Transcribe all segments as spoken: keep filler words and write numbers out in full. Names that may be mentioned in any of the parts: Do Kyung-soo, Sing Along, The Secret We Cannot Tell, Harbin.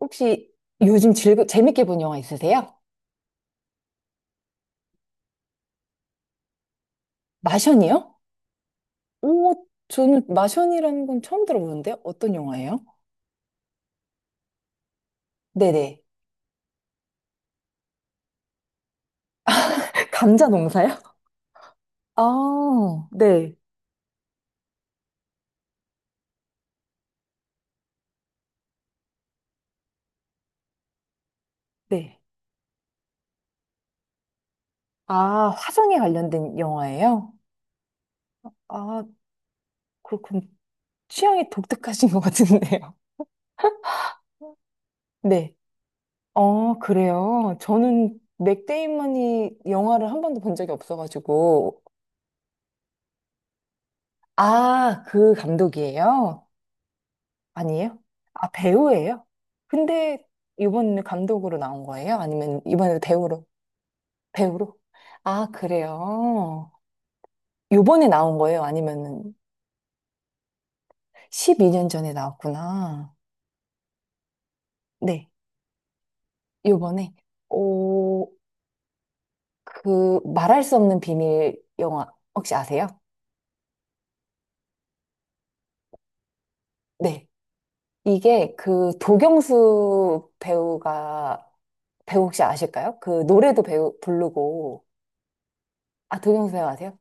혹시 요즘 즐거, 재밌게 본 영화 있으세요? 마션이요? 오, 저는 마션이라는 건 처음 들어보는데요. 어떤 영화예요? 네네. 감자 농사요? 아, 네, 네. 아, 화성에 관련된 영화예요? 아, 그렇군. 취향이 독특하신 것 같은데요. 네. 어, 그래요. 저는 맥데이먼이 영화를 한 번도 본 적이 없어가지고. 아, 그 감독이에요? 아니에요? 아, 배우예요? 근데 이번에는 감독으로 나온 거예요? 아니면 이번에도 배우로? 배우로? 아, 그래요. 요번에 나온 거예요? 아니면은 십이 년 전에 나왔구나. 네, 요번에. 오, 그 말할 수 없는 비밀 영화 혹시 아세요? 네. 이게 그 도경수 배우가 배우 혹시 아실까요? 그 노래도 배우 부르고. 아, 도경수 배우 아세요?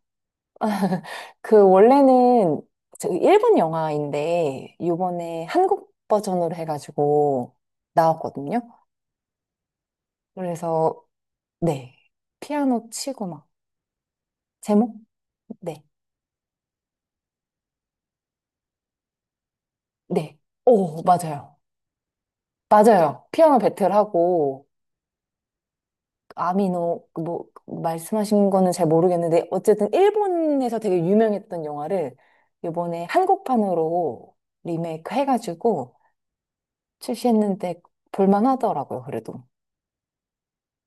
그 원래는 저 일본 영화인데 요번에 한국 버전으로 해가지고 나왔거든요. 그래서 네, 피아노 치고 막 제목. 네, 네. 오, 맞아요. 맞아요, 피아노 배틀하고 아미노 그뭐 말씀하신 거는 잘 모르겠는데 어쨌든 일본에서 되게 유명했던 영화를 요번에 한국판으로 리메이크 해가지고 출시했는데 볼만하더라고요, 그래도.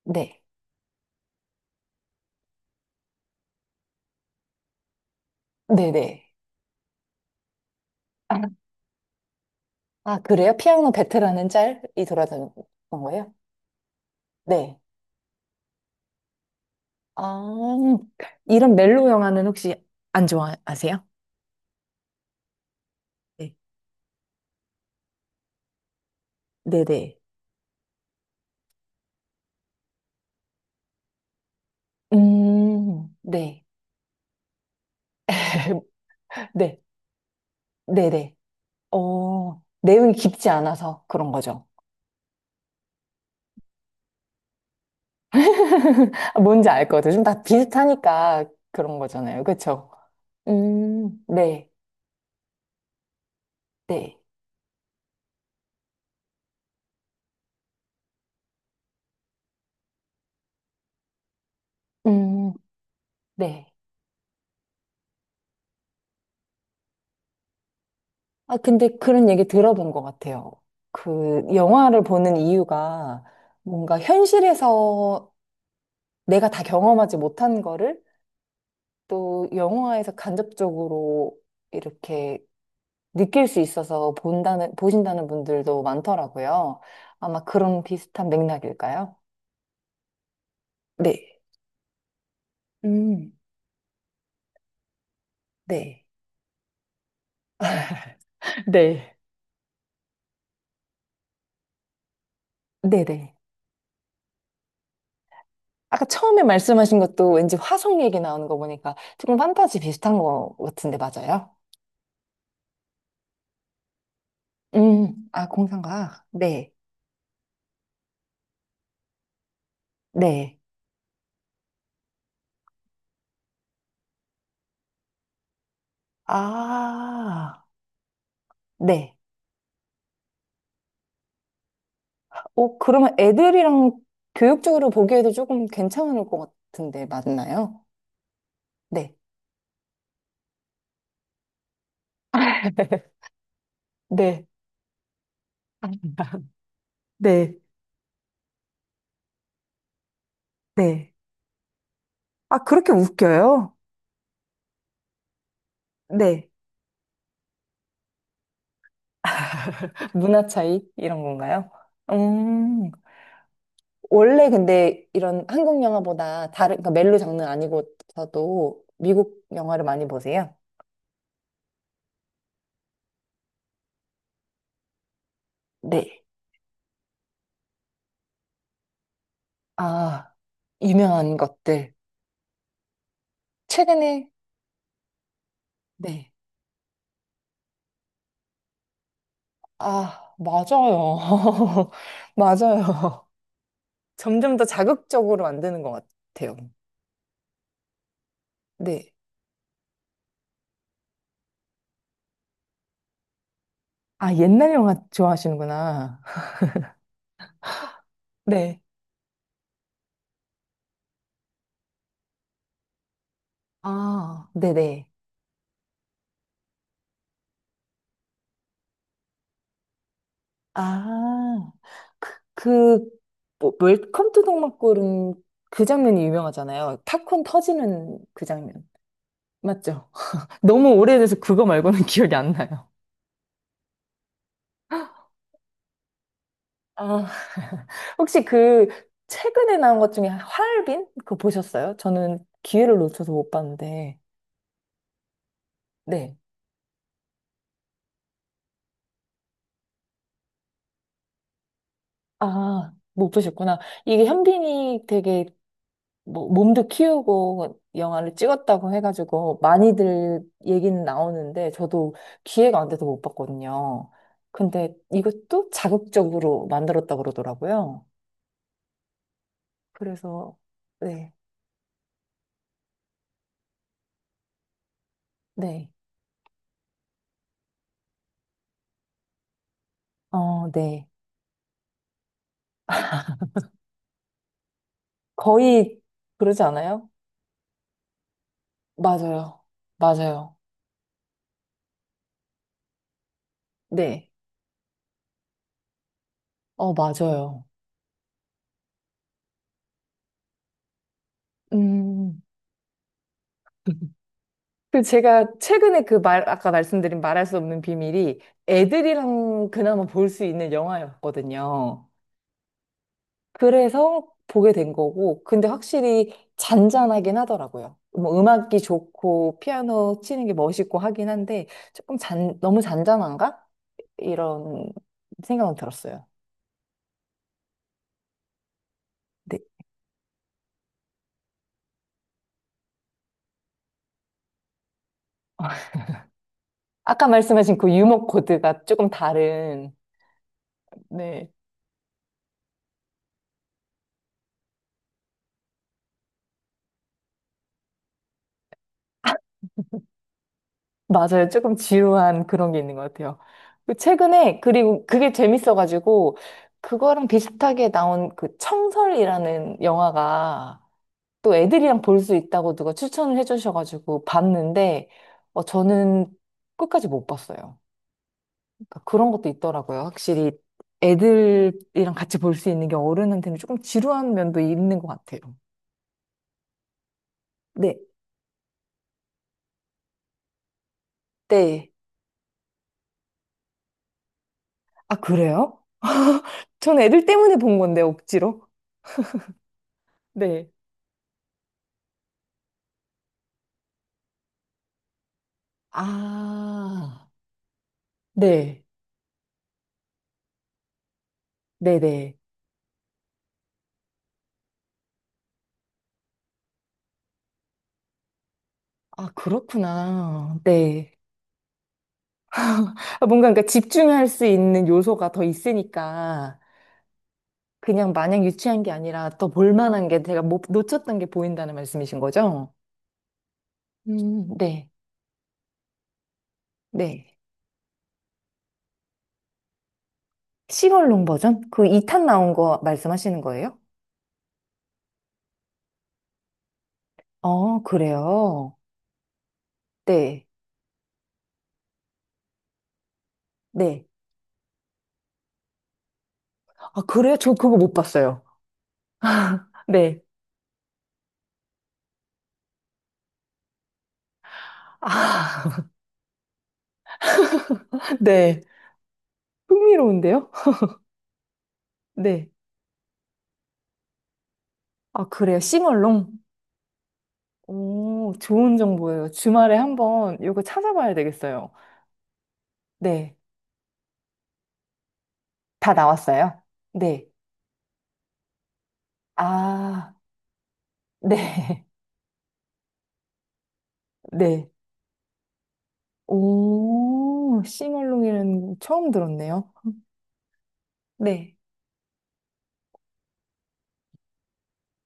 네. 네네. 아, 아, 그래요? 피아노 베테랑은 짤이 돌아다녔던 거예요? 네. 아, 이런 멜로 영화는 혹시 안 좋아하세요? 네. 네네. 음, 네. 네. 네네. 어, 내용이 깊지 않아서 그런 거죠. 뭔지 알 거죠. 좀 다 비슷하니까 그런 거잖아요. 그쵸? 음, 네. 네. 음, 네. 아, 근데 그런 얘기 들어본 것 같아요. 그, 영화를 보는 이유가 뭔가 현실에서 내가 다 경험하지 못한 거를 또 영화에서 간접적으로 이렇게 느낄 수 있어서 본다는, 보신다는 분들도 많더라고요. 아마 그런 비슷한 맥락일까요? 네. 음, 네. 네. 네네. 아까 처음에 말씀하신 것도 왠지 화성 얘기 나오는 거 보니까 조금 판타지 비슷한 것 같은데 맞아요? 음, 아, 공상과학. 네, 네. 아, 네. 어, 그러면 애들이랑 교육적으로 보기에도 조금 괜찮을 것 같은데, 맞나요? 네. 네, 네, 네. 아, 그렇게 웃겨요? 네. 문화 차이? 이런 건가요? 음. 원래 근데 이런 한국 영화보다 다른, 그러니까 멜로 장르 아니고서도 미국 영화를 많이 보세요? 네. 아, 유명한 것들. 최근에, 네. 아, 맞아요. 맞아요. 점점 더 자극적으로 만드는 것 같아요. 네. 아, 옛날 영화 좋아하시는구나. 네. 아, 네네. 아, 그, 뭐, 웰컴 투 동막골은 그 장면이 유명하잖아요. 팝콘 터지는 그 장면. 맞죠? 너무 오래돼서 그거 말고는 기억이 안 나요. 아, 혹시 그 최근에 나온 것 중에 하얼빈? 그거 보셨어요? 저는 기회를 놓쳐서 못 봤는데. 네. 아, 못 보셨구나. 이게 현빈이 되게 뭐 몸도 키우고 영화를 찍었다고 해가지고 많이들 얘기는 나오는데 저도 기회가 안 돼서 못 봤거든요. 근데 이것도 자극적으로 만들었다고 그러더라고요. 그래서, 네, 네, 어, 네. 거의 그러지 않아요? 맞아요. 맞아요. 네. 어, 맞아요. 음. 그 제가 최근에 그 말, 아까 말씀드린 말할 수 없는 비밀이 애들이랑 그나마 볼 수 있는 영화였거든요. 그래서 보게 된 거고, 근데 확실히 잔잔하긴 하더라고요. 뭐 음악이 좋고, 피아노 치는 게 멋있고 하긴 한데, 조금 잔, 너무 잔잔한가? 이런 생각은 들었어요. 네. 아까 말씀하신 그 유머 코드가 조금 다른, 네, 맞아요. 조금 지루한 그런 게 있는 것 같아요. 그 최근에, 그리고 그게 재밌어가지고, 그거랑 비슷하게 나온 그 청설이라는 영화가 또 애들이랑 볼 수 있다고 누가 추천을 해주셔가지고 봤는데, 어, 저는 끝까지 못 봤어요. 그러니까 그런 것도 있더라고요. 확실히 애들이랑 같이 볼 수 있는 게 어른한테는 조금 지루한 면도 있는 것 같아요. 네, 네. 아, 그래요? 저는 애들 때문에 본 건데, 억지로. 네. 아. 네, 네네. 아, 그렇구나. 네. 아, 뭔가 그러니까 집중할 수 있는 요소가 더 있으니까 그냥 마냥 유치한 게 아니라 더 볼만한 게 제가 못, 놓쳤던 게 보인다는 말씀이신 거죠? 음, 네, 네. 시영월롱 버전? 그 이 탄 나온 거 말씀하시는 거예요? 어, 그래요. 네, 네. 아, 그래요? 저 그거 못 봤어요. 네. 아, 네. 흥미로운데요? 네. 아, 그래요. 싱얼롱? 오, 좋은 정보예요. 주말에 한번 이거 찾아봐야 되겠어요. 네. 다 나왔어요? 네. 아, 네. 네. 오, 씨멀롱이는 처음 들었네요. 네.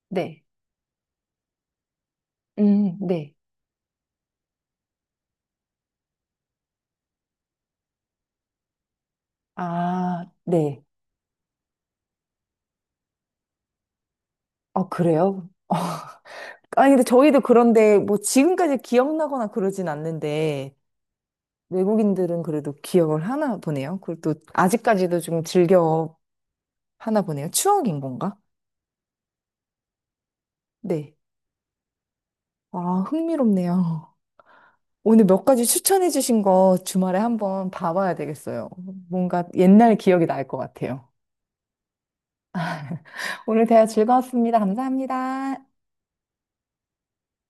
네. 음, 네. 아, 네. 아, 그래요? 아니, 근데 저희도 그런데 뭐 지금까지 기억나거나 그러진 않는데 외국인들은 그래도 기억을 하나 보네요. 그리고 또 아직까지도 좀 즐겨 하나 보네요. 추억인 건가? 네. 아, 흥미롭네요. 오늘 몇 가지 추천해 주신 거 주말에 한번 봐봐야 되겠어요. 뭔가 옛날 기억이 날 것 같아요. 오늘 대화 즐거웠습니다. 감사합니다.